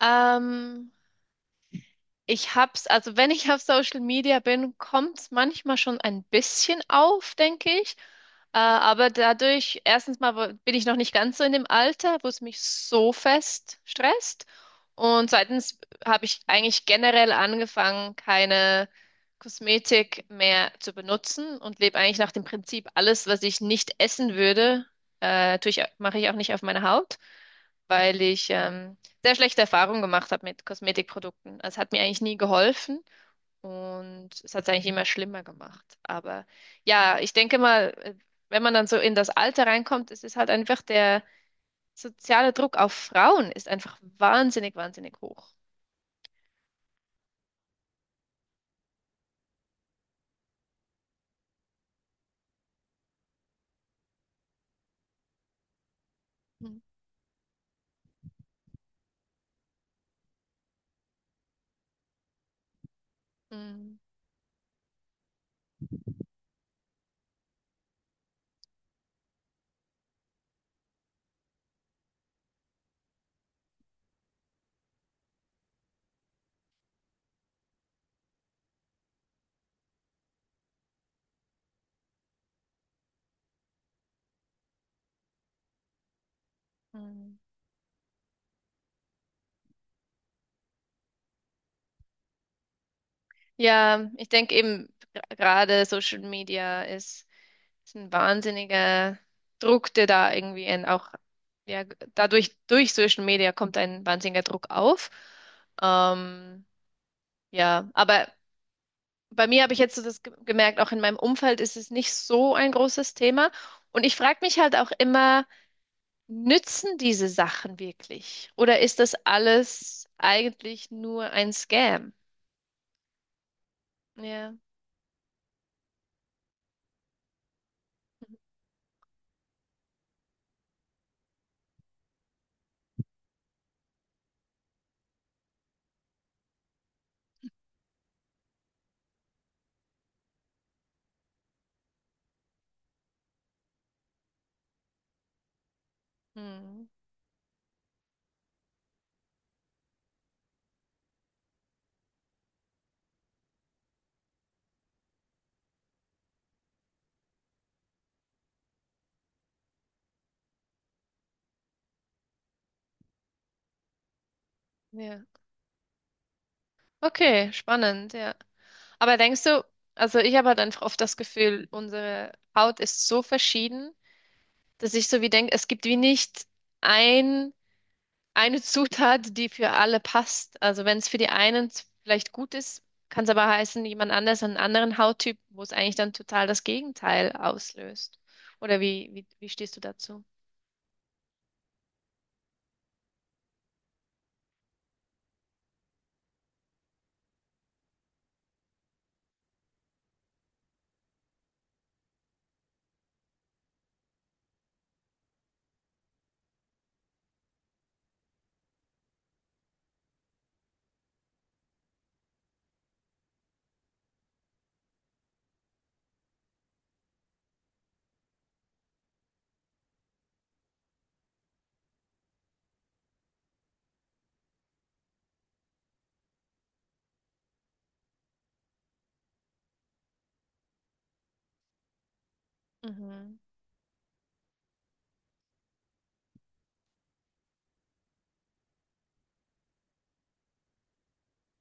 Ähm, ich hab's, also wenn ich auf Social Media bin, kommt's manchmal schon ein bisschen auf, denke ich. Aber dadurch, erstens mal bin ich noch nicht ganz so in dem Alter, wo es mich so fest stresst. Und zweitens habe ich eigentlich generell angefangen, keine Kosmetik mehr zu benutzen und lebe eigentlich nach dem Prinzip, alles, was ich nicht essen würde, mache ich auch nicht auf meine Haut, weil ich sehr schlechte Erfahrungen gemacht habe mit Kosmetikprodukten. Also, es hat mir eigentlich nie geholfen und es hat es eigentlich immer schlimmer gemacht. Aber ja, ich denke mal, wenn man dann so in das Alter reinkommt, es ist halt einfach der soziale Druck auf Frauen ist einfach wahnsinnig, wahnsinnig hoch. Mhm. Mhm. Mhm. Ja, ich denke eben gerade Social Media ist ein wahnsinniger Druck, der da irgendwie auch, ja, dadurch, durch Social Media kommt ein wahnsinniger Druck auf. Ähm, ja, aber bei mir habe ich jetzt so das gemerkt, auch in meinem Umfeld ist es nicht so ein großes Thema. Und ich frage mich halt auch immer, nützen diese Sachen wirklich? Oder ist das alles eigentlich nur ein Scam? Ja. Hm. Ja. Okay, spannend, ja. Aber denkst du, also ich habe halt einfach oft das Gefühl, unsere Haut ist so verschieden, dass ich so wie denke, es gibt wie nicht ein, eine Zutat, die für alle passt. Also wenn es für die einen vielleicht gut ist, kann es aber heißen, jemand anders, einen anderen Hauttyp, wo es eigentlich dann total das Gegenteil auslöst. Oder wie stehst du dazu?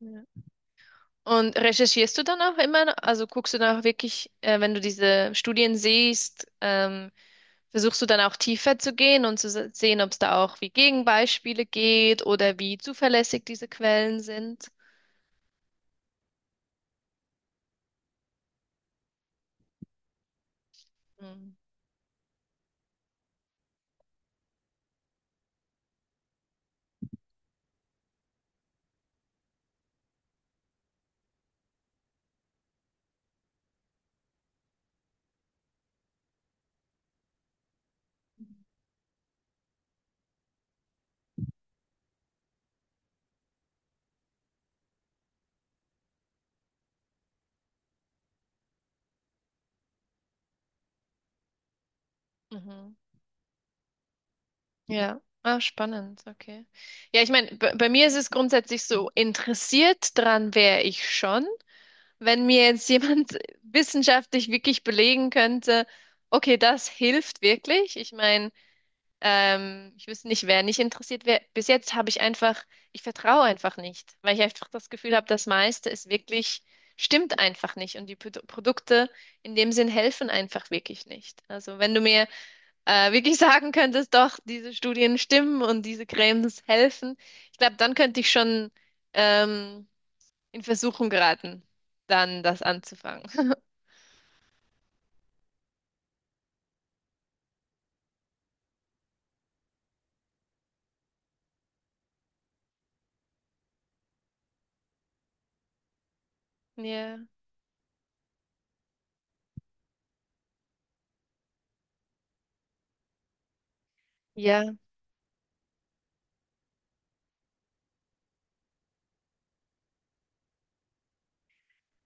Mhm. Und recherchierst du dann auch immer, also guckst du dann auch wirklich, wenn du diese Studien siehst, versuchst du dann auch tiefer zu gehen und zu sehen, ob es da auch wie Gegenbeispiele geht oder wie zuverlässig diese Quellen sind? Mhm. Mhm. Ja, ah, spannend, okay. Ja, ich meine, bei mir ist es grundsätzlich so, interessiert dran wäre ich schon, wenn mir jetzt jemand wissenschaftlich wirklich belegen könnte, okay, das hilft wirklich. Ich meine, ich wüsste nicht, wer nicht interessiert wäre. Bis jetzt habe ich einfach, ich vertraue einfach nicht, weil ich einfach das Gefühl habe, das meiste ist wirklich, stimmt einfach nicht. Und die Produkte in dem Sinn helfen einfach wirklich nicht. Also wenn du mir wirklich sagen könntest, doch, diese Studien stimmen und diese Cremes helfen, ich glaube, dann könnte ich schon ähm, in Versuchung geraten, dann das anzufangen. Ja, ja,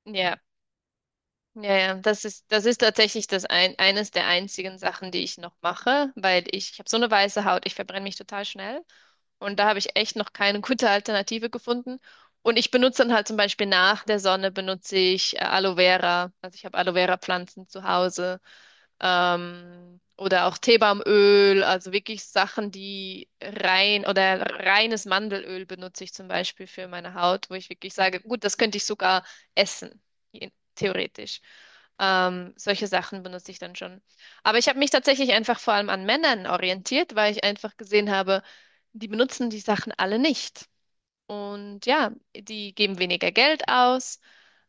ja. Ja, ja, das ist tatsächlich das eines der einzigen Sachen, die ich noch mache, weil ich habe so eine weiße Haut, ich verbrenne mich total schnell und da habe ich echt noch keine gute Alternative gefunden. Und ich benutze dann halt zum Beispiel nach der Sonne benutze ich Aloe Vera, also ich habe Aloe Vera Pflanzen zu Hause oder auch Teebaumöl, also wirklich Sachen, die rein oder reines Mandelöl benutze ich zum Beispiel für meine Haut, wo ich wirklich sage, gut, das könnte ich sogar essen, theoretisch. Solche Sachen benutze ich dann schon. Aber ich habe mich tatsächlich einfach vor allem an Männern orientiert, weil ich einfach gesehen habe, die benutzen die Sachen alle nicht. Und ja, die geben weniger Geld aus,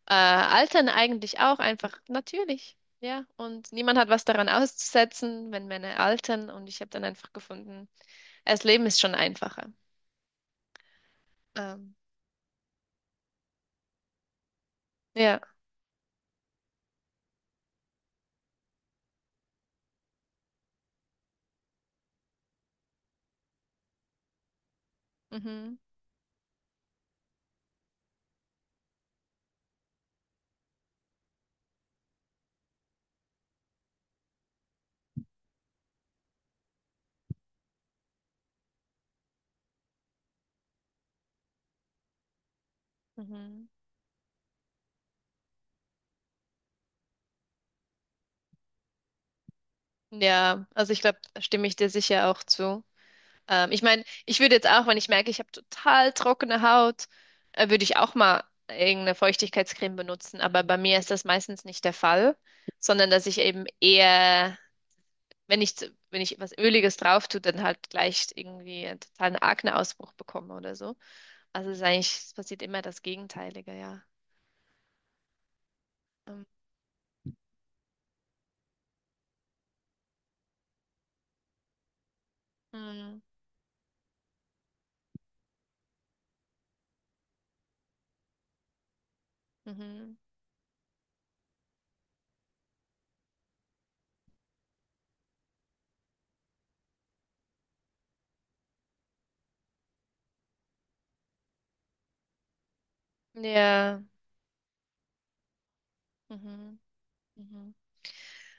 altern eigentlich auch einfach natürlich. Ja, und niemand hat was daran auszusetzen, wenn Männer altern. Und ich habe dann einfach gefunden, ja, das Leben ist schon einfacher. Ähm, ja, mhm, mhm. Ja, also ich glaube, da stimme ich dir sicher auch zu. Ich meine, ich würde jetzt auch, wenn ich merke, ich habe total trockene Haut, würde ich auch mal irgendeine Feuchtigkeitscreme benutzen. Aber bei mir ist das meistens nicht der Fall, sondern dass ich eben eher wenn wenn ich was Öliges drauf tue, dann halt gleich irgendwie einen totalen Akneausbruch bekomme oder so. Also es ist eigentlich, es passiert immer das Gegenteilige, ja. Ähm, Mhm. Mhm. Ja. Mhm. Mhm.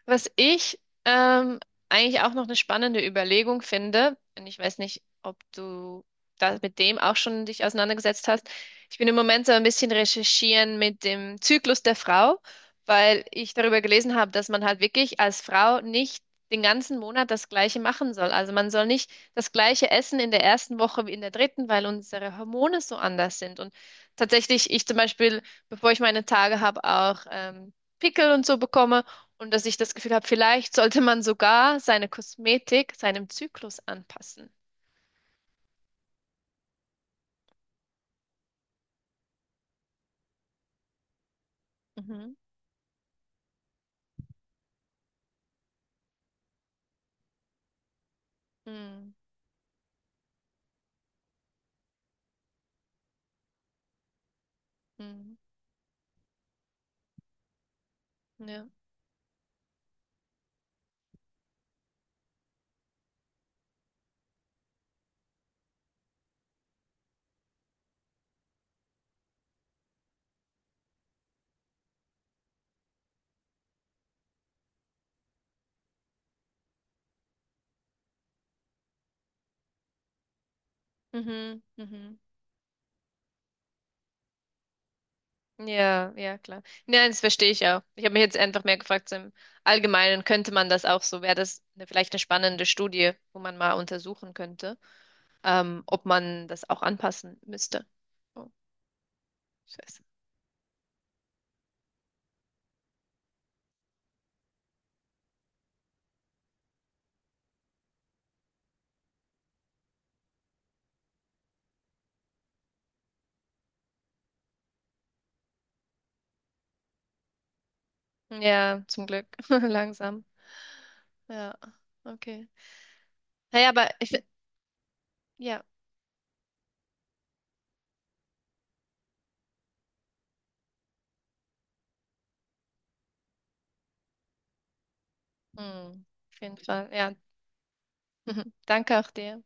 Was ich ähm, eigentlich auch noch eine spannende Überlegung finde, und ich weiß nicht, ob du da mit dem auch schon dich auseinandergesetzt hast. Ich bin im Moment so ein bisschen recherchieren mit dem Zyklus der Frau, weil ich darüber gelesen habe, dass man halt wirklich als Frau nicht den ganzen Monat das Gleiche machen soll. Also man soll nicht das Gleiche essen in der ersten Woche wie in der dritten, weil unsere Hormone so anders sind. Und tatsächlich, ich zum Beispiel, bevor ich meine Tage habe, auch Pickel und so bekomme. Und dass ich das Gefühl habe, vielleicht sollte man sogar seine Kosmetik seinem Zyklus anpassen. Mhm. Hm, hm, ja. Mhm, mhm. Ja, ja, klar. Nein, das verstehe ich auch. Ich habe mich jetzt einfach mehr gefragt, so im Allgemeinen könnte man das auch so, wäre das eine, vielleicht eine spannende Studie, wo man mal untersuchen könnte, ob man das auch anpassen müsste. Oh, scheiße. Ja, zum Glück. Langsam. Ja, okay. Naja, aber ja, hm, auf jeden Fall. Ja, danke auch dir.